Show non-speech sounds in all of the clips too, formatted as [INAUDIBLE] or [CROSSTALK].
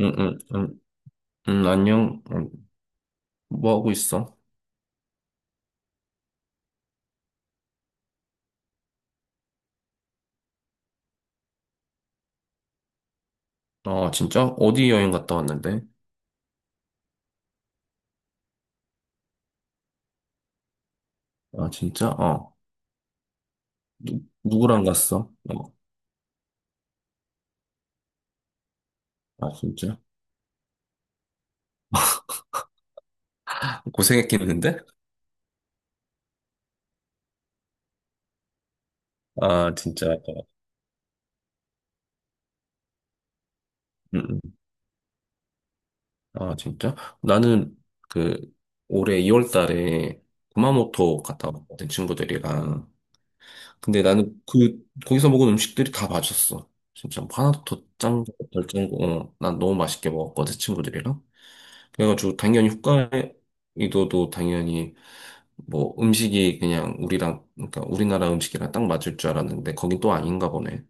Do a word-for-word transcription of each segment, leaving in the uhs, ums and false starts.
응, 응, 응, 응, 안녕. 응, 뭐 하고 있어? 아, 진짜? 어디 여행 갔다 왔는데? 아, 진짜. 어. 누, 누구랑 갔어? 어. 아, 진짜? 고생했겠는데? 아, 진짜. 어. 응, 응. 아, 진짜? 나는 그 올해 이 월 달에 구마모토 갔다 왔거든, 친구들이랑. 근데 나는 그, 거기서 먹은 음식들이 다 맛있었어. 진짜 뭐 하나도 더 짠, 거, 덜 짠, 거, 어, 난 너무 맛있게 먹었거든, 친구들이랑. 그래가지고 당연히 홋카이도도 당연히 뭐 음식이 그냥 우리랑, 그러니까 우리나라 음식이랑 딱 맞을 줄 알았는데 거긴 또 아닌가 보네.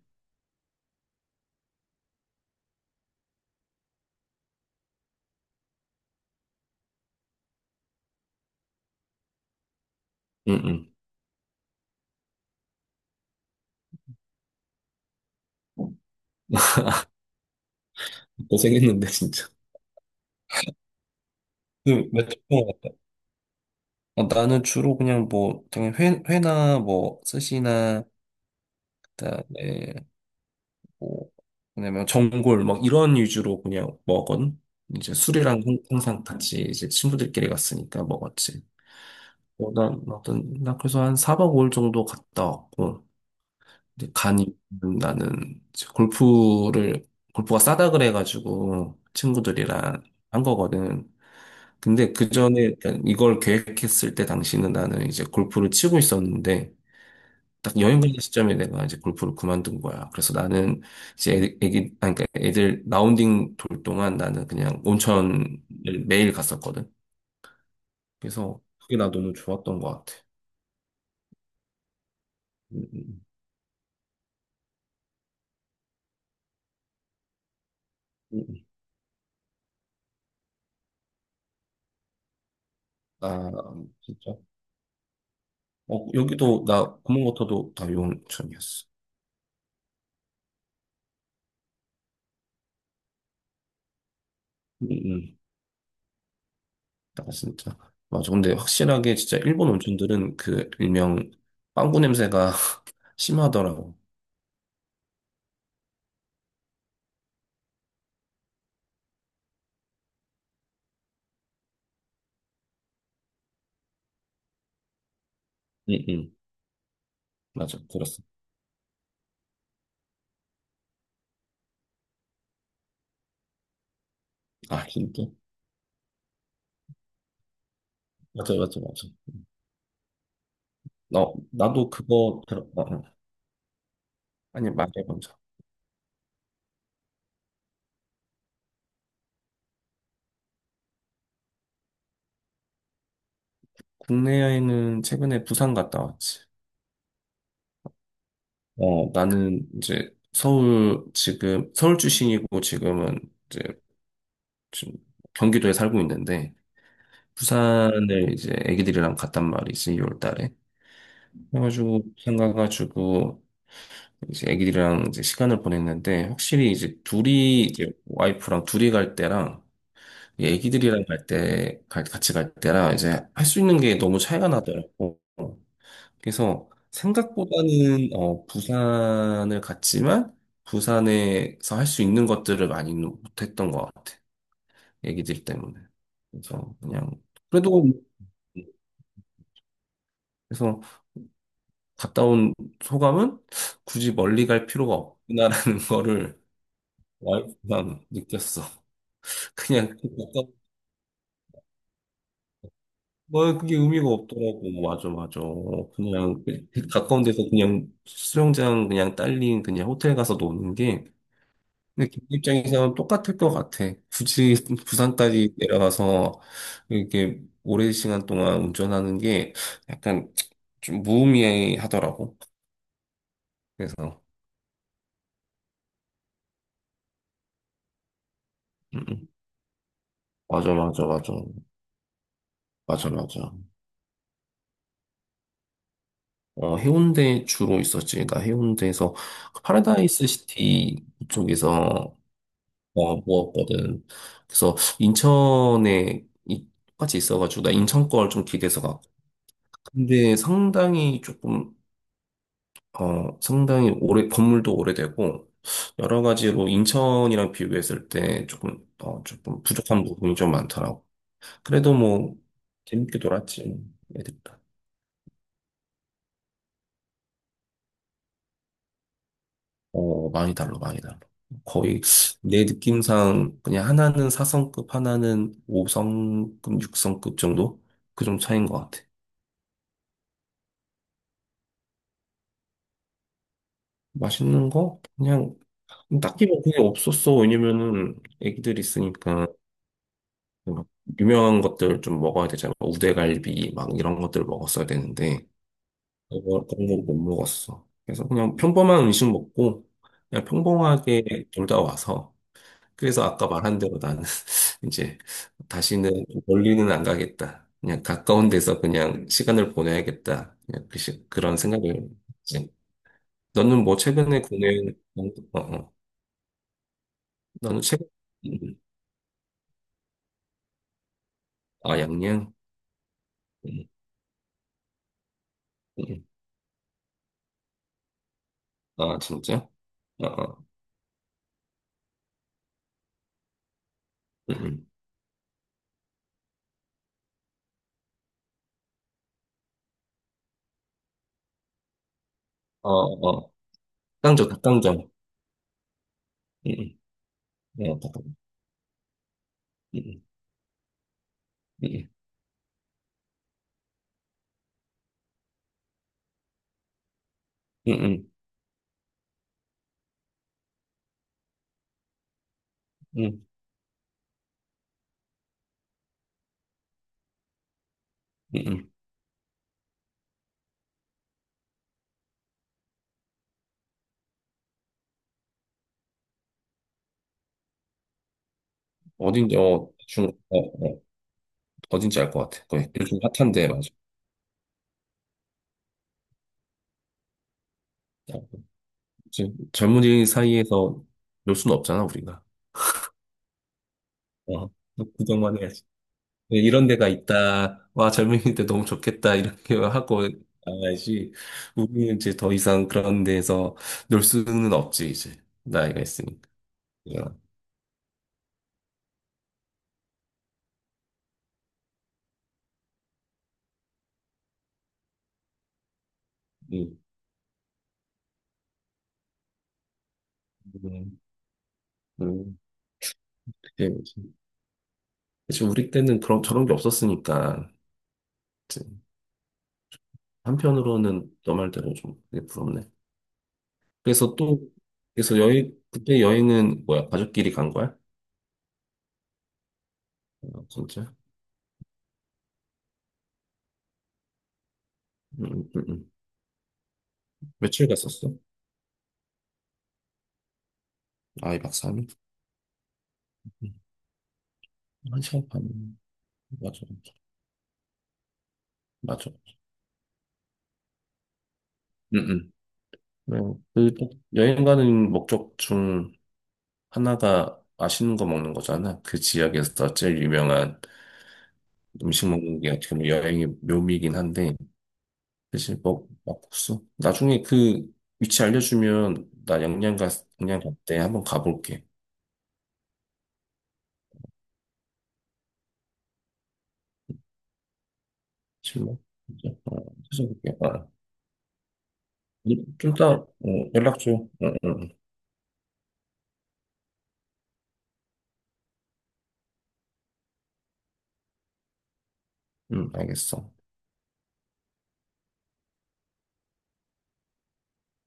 응응. 고생했는데 진짜. 그 며칠 동안 갔다. 아, 나는 주로 그냥 뭐 당연히 회, 회나 뭐 스시나 그다음에 뭐, 왜냐면 전골 막 이런 위주로 그냥 먹은. 이제 술이랑 항- 항상 같이 이제 친구들끼리 갔으니까 먹었지. 어, 난, 나, 나 그래서 한 사 박 오 일 정도 갔다 왔고, 근데 간이, 나는 이제 골프를, 골프가 싸다 그래가지고 친구들이랑 한 거거든. 근데 그 전에 이걸 계획했을 때 당시는 나는 이제 골프를 치고 있었는데 딱 여행 가는 시점에 내가 이제 골프를 그만둔 거야. 그래서 나는 이제 애- 애기 아니 그러니까 애들 라운딩 돌 동안 나는 그냥 온천을 매일 갔었거든. 그래서 그게 나 너무 좋았던 것 같아. 음, 음, 음. 음, 음. 아, 진짜. 어, 여기도 나 구멍모터도 다 요온천이었어. 음, 음. 나 진짜 맞아. 근데 확실하게 진짜 일본 온천들은 그 일명 빵구 냄새가 [LAUGHS] 심하더라고. 응, 응. 맞아. 들었어. 아, 진짜? 맞아, 맞아, 맞아. 나, 나도 그거 들었다. 응. 아니, 말해 먼저. 국내에는 최근에 부산 갔다 왔지. 어, 나는 이제 서울, 지금 서울 출신이고 지금은 이제 지금 경기도에 살고 있는데 부산을 이제 애기들이랑 갔단 말이지, 이 월 달에. 그래가지고, 부산 가가지고, 이제 애기들이랑 이제 시간을 보냈는데, 확실히 이제 둘이, 이제 와이프랑 둘이 갈 때랑, 이 애기들이랑 갈 때, 갈- 같이 갈 때랑, 이제 할 수 있는 게 너무 차이가 나더라고. 그래서, 생각보다는, 어, 부산을 갔지만, 부산에서 할 수 있는 것들을 많이 못했던 것 같아. 애기들 때문에. 그래서, 그냥, 그래도, 뭐, 그래서 갔다 온 소감은 굳이 멀리 갈 필요가 없구나라는 [LAUGHS] 거를 와이프랑 느꼈어. 그냥 가뭐 그게 의미가 없더라고. 뭐 맞아, 맞아. 그냥 그, 그 가까운 데서 그냥 수영장 그냥 딸린 그냥 호텔 가서 노는 게, 근데 걔 입장에서는 똑같을 것 같아. 굳이 [LAUGHS] 부산까지 내려가서 이렇게 오랜 시간 동안 운전하는 게 약간 좀 무의미하더라고. 그래서 음, 음. 맞아, 맞아, 맞아, 맞아, 맞아. 어, 해운대 주로 있었지. 나 해운대에서 그 파라다이스 시티 쪽에서 어, 모았거든. 그래서 인천에 이- 똑같이 있어가지고 나 인천 걸 좀 기대서 갔고. 근데 상당히 조금 어, 상당히 오래, 건물도 오래되고 여러 가지로 인천이랑 비교했을 때 조금 어, 조금 부족한 부분이 좀 많더라고. 그래도 뭐 재밌게 놀았지. 애들. 어, 많이 달라, 많이 달라. 거의 내 느낌상 그냥 하나는 사 성급, 하나는 오 성급, 육 성급 정도? 그 정도 차이인 것 같아. 맛있는 거? 그냥 딱히 뭐 그게 없었어. 왜냐면은 애기들 있으니까 막 유명한 것들 좀 먹어야 되잖아. 우대갈비 막 이런 것들 먹었어야 되는데 그거- 그런 거 못 먹었어. 그래서 그냥 평범한 음식 먹고 그냥 평범하게 놀다 와서 그래서 아까 말한 대로 나는 이제 다시는 멀리는 안 가겠다. 그냥 가까운 데서 그냥 시간을 보내야겠다. 그냥 그 시- 그런 생각을 했지? 너는 뭐 최근에 국내, 어, 어. 너는 최근, 음. 음. 아, 양양, 음, 음. 음. 아, 진짜. 어, 어. 음, 음. 어, 어. 닭강정, 닭강정. 음, 음. 어, 닭강정. 음, 음. 음, 음. 음, 음, 음. 음. 어딘지 어, 중, 어, 어. 어딘지 알 것 같아. 거기 요즘 핫한데, 맞아. 이제 젊은이 사이에서 놀 수는 없잖아, 우리가. 어, 구경만 해야지. 네, 이런 데가 있다. 와, 젊은이들 너무 좋겠다. 이렇게 [LAUGHS] 하고 나가야지. 우리는 이제 더 이상 그런 데에서 놀 수는 없지, 이제. 나이가 있으니까. 그냥, 음, 음, 음, 그게 뭐지. 사실 우리 때는 그런, 저런 게 없었으니까. 이제 한편으로는 너 말대로 좀 그게 부럽네. 그래서 또, 그래서 여행, 그때 여행은 뭐야? 가족끼리 간 거야? 어, 진짜? 음, 음, 음. 며칠 갔었어? 아, 이 박 삼 일? 한 시간 반. 맞아, 맞아. 응, 응. 네, 그 여행 가는 목적 중 하나가 맛있는 거 먹는 거잖아. 그 지역에서 제일 유명한 음식 먹는 게 어떻게 보면 여행의 묘미이긴 한데, 사실 뭐, 막국수. 나중에 그 위치 알려주면 나 영양 가, 영양 갈때 한번 가볼게. 실례. 어, 찾아볼게. 어. 좀 이따 어, 연락 줘. 응, 응, 응, 응, 알겠어.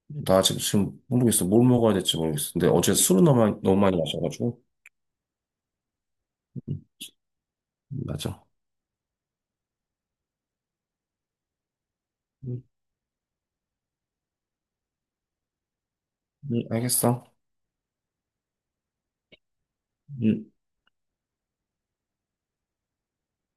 나 아직 지금 모르겠어. 뭘 먹어야 될지 모르겠어. 근데 어제 술을 너무 많이, 너무 많이 마셔가지고. 음, 맞아. 음, 음, 알겠어. 음.